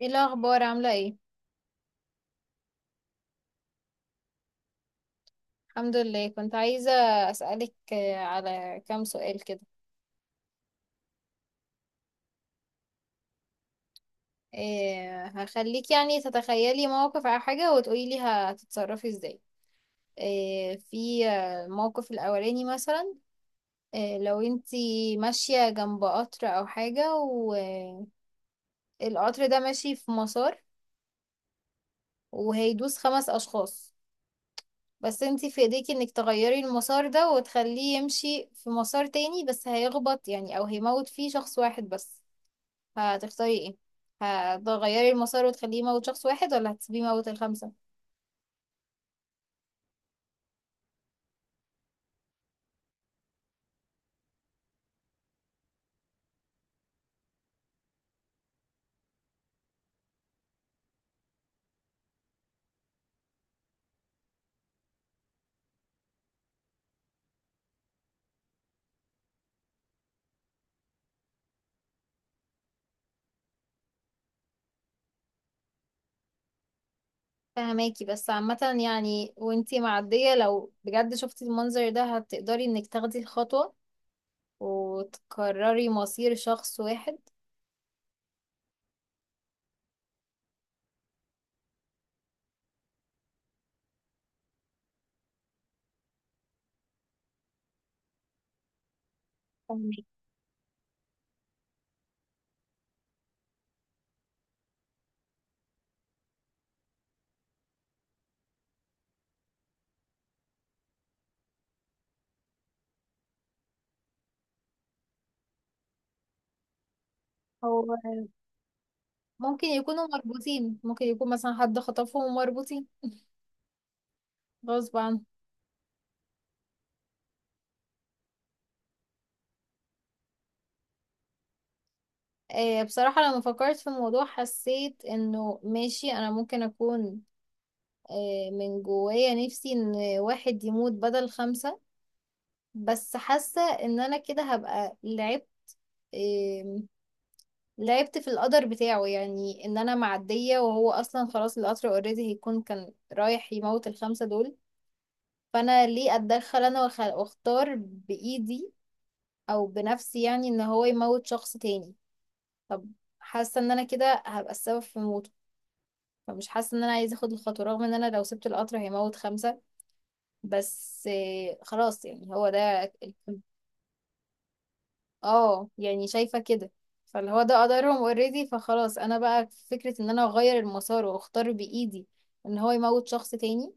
ايه الاخبار، عامله ايه؟ الحمد لله، كنت عايزه اسالك على كام سؤال كده. إيه، هخليك يعني تتخيلي موقف او حاجه وتقولي لي هتتصرفي ازاي. إيه، في الموقف الاولاني مثلا، إيه لو انتي ماشيه جنب قطر او حاجه، والقطر ده ماشي في مسار وهيدوس خمس اشخاص، بس انتي في ايديكي انك تغيري المسار ده وتخليه يمشي في مسار تاني، بس هيخبط يعني، او هيموت فيه شخص واحد بس. هتختاري ايه؟ هتغيري المسار وتخليه يموت شخص واحد، ولا هتسيبيه يموت الخمسة؟ فهماكي، بس عامة يعني، وانتي معدية لو بجد شفتي المنظر ده هتقدري انك تاخدي الخطوة وتكرري مصير شخص واحد؟ فهماكي. هو ممكن يكونوا مربوطين، ممكن يكون مثلا حد خطفهم ومربوطين غصب عنه. بصراحة لما فكرت في الموضوع حسيت انه ماشي، انا ممكن اكون من جوايا نفسي ان واحد يموت بدل خمسة، بس حاسة ان انا كده هبقى إيه لعبت في القدر بتاعه، يعني ان انا معدية وهو اصلا خلاص القطر اوريدي هيكون كان رايح يموت الخمسة دول. فانا ليه اتدخل انا واختار بايدي او بنفسي، يعني ان هو يموت شخص تاني. طب، حاسة ان انا كده هبقى السبب في موته، فمش حاسة ان انا عايزة اخد الخطوة، رغم ان انا لو سبت القطر هيموت خمسة. بس إيه، خلاص يعني هو ده. اه، يعني شايفة كده، فاللي هو ده قدرهم اوريدي، فخلاص انا بقى في فكرة ان انا اغير المسار واختار بايدي ان هو يموت شخص تاني.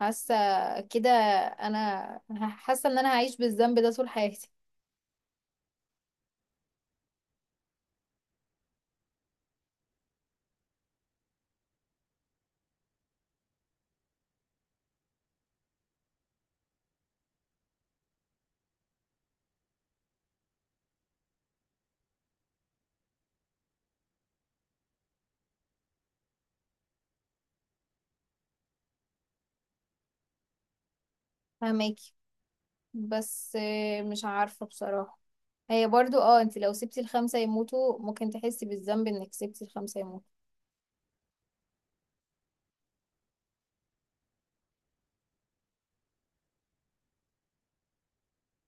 حاسة كده، انا حاسة ان انا هعيش بالذنب ده طول حياتي. فهماكي. بس مش عارفة بصراحة. هي برضو انت لو سبتي الخمسة يموتوا ممكن تحسي بالذنب انك سبتي الخمسة يموتوا،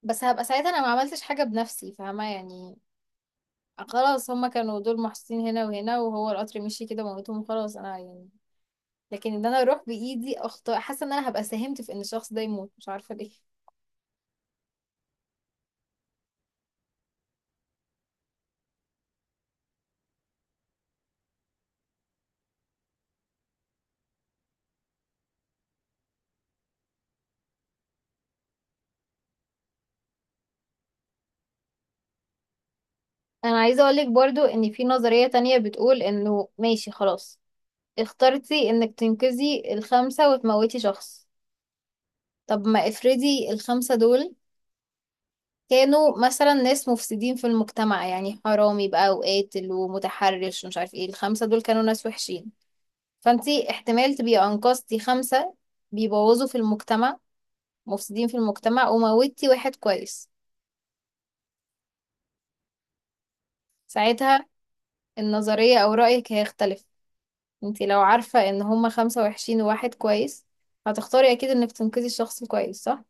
بس هبقى ساعتها انا ما عملتش حاجة بنفسي، فاهمة يعني. خلاص، هما كانوا دول محطوطين هنا وهنا، وهو القطر مشي كده موتهم، خلاص انا يعني. لكن ان انا اروح بايدي اخطاء، حاسه ان انا هبقى ساهمت في ان الشخص ده يموت، مش عارفه ليه. انا عايزه اقولك برضو ان في نظريه تانية بتقول انه ماشي، خلاص اخترتي انك تنقذي الخمسه وتموتي شخص. طب ما افرضي الخمسه دول كانوا مثلا ناس مفسدين في المجتمع، يعني حرامي بقى وقاتل ومتحرش ومش عارف ايه، الخمسه دول كانوا ناس وحشين. فانتي احتمال تبقي انقذتي خمسه بيبوظوا في المجتمع، مفسدين في المجتمع، وموتي واحد كويس. ساعتها النظرية أو رأيك هيختلف. انتي لو عارفة ان هما خمسة وحشين وواحد كويس هتختاري أكيد انك تنقذي الشخص الكويس، صح؟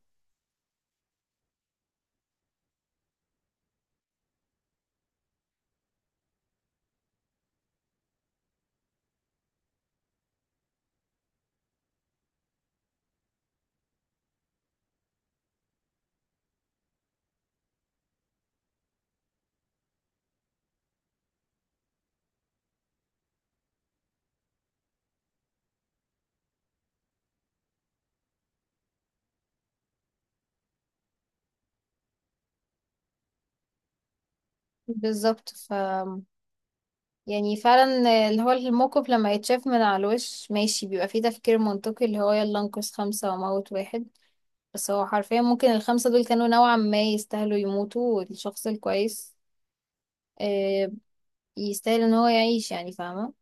بالظبط. يعني فعلا، اللي هو الموقف لما يتشاف من على الوش ماشي بيبقى فيه تفكير منطقي، اللي هو يلا انقذ خمسة وموت واحد، بس هو حرفيا ممكن الخمسة دول كانوا نوعا ما يستاهلوا يموتوا، والشخص الكويس آه، يستاهل ان هو يعيش، يعني فاهمة.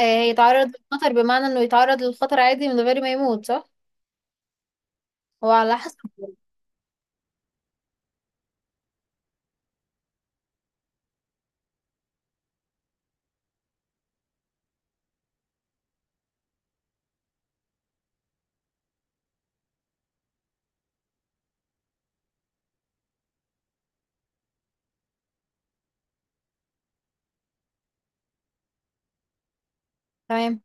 هيتعرض للخطر بمعنى انه يتعرض للخطر عادي من غير ما يموت، صح؟ هو على حسب. تمام.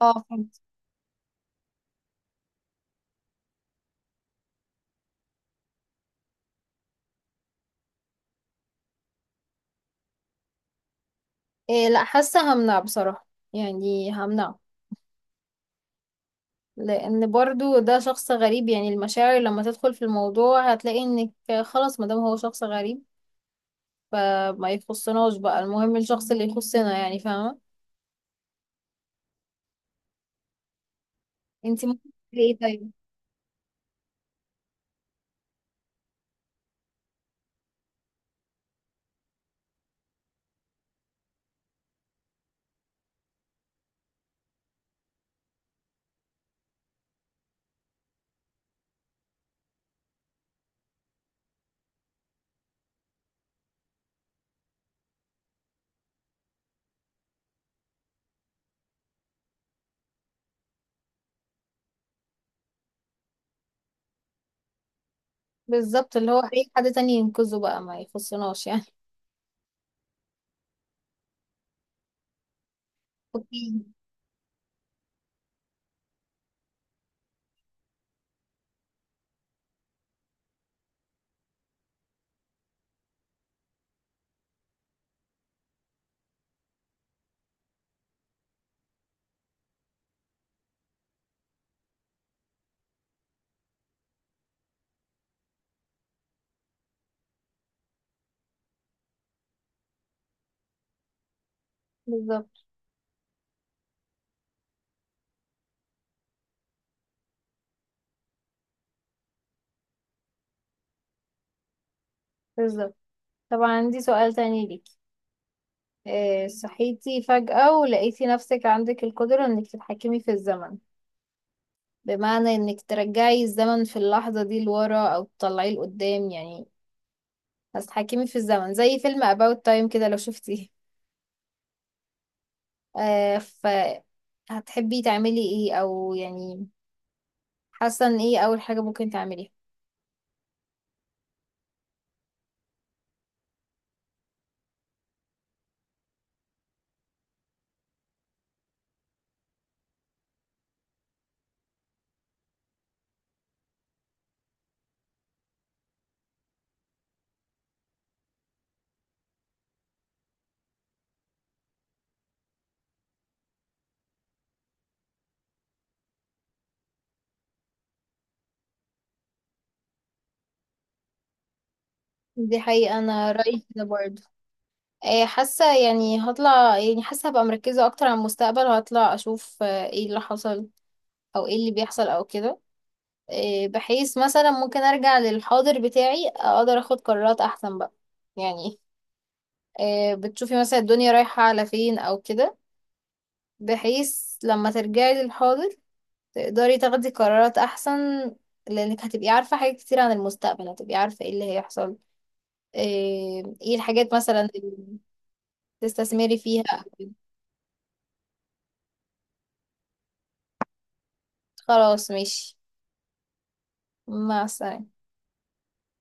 اه، فهمت. إيه، لا، حاسة همنع بصراحة، يعني همنع. لأن برضو ده شخص غريب، يعني المشاعر لما تدخل في الموضوع هتلاقي انك خلاص مادام هو شخص غريب فما يخصناش بقى، المهم الشخص اللي يخصنا يعني، فاهمة. انتي ممكن تعملي ايه طيب؟ بالظبط، اللي هو اي حد تاني ينقذه بقى ما يخصناش يعني. اوكي. بالظبط بالظبط. طبعا، عندي سؤال تاني ليكي. إيه، صحيتي فجأة ولقيتي نفسك عندك القدرة انك تتحكمي في الزمن، بمعنى انك ترجعي الزمن في اللحظة دي لورا او تطلعيه لقدام، يعني هتتحكمي في الزمن زي فيلم About Time كده لو شفتيه. آه ف هتحبي تعملي ايه، او يعني حاسة ان ايه اول حاجة ممكن تعمليها؟ دي حقيقة انا رأيي كده برضه. حاسة يعني هطلع، يعني حاسة هبقى مركزة اكتر على المستقبل، هطلع اشوف ايه اللي حصل، او ايه اللي بيحصل او كده. بحيث مثلا ممكن ارجع للحاضر بتاعي اقدر اخد قرارات احسن بقى، يعني بتشوفي مثلا الدنيا رايحة على فين أو كده، بحيث لما ترجعي للحاضر تقدري تاخدي قرارات أحسن، لأنك هتبقي عارفة حاجات كتير عن المستقبل، هتبقي عارفة ايه اللي هيحصل، آه، ايه الحاجات مثلا اللي تستثمري فيها. خلاص ماشي. مع السلامة.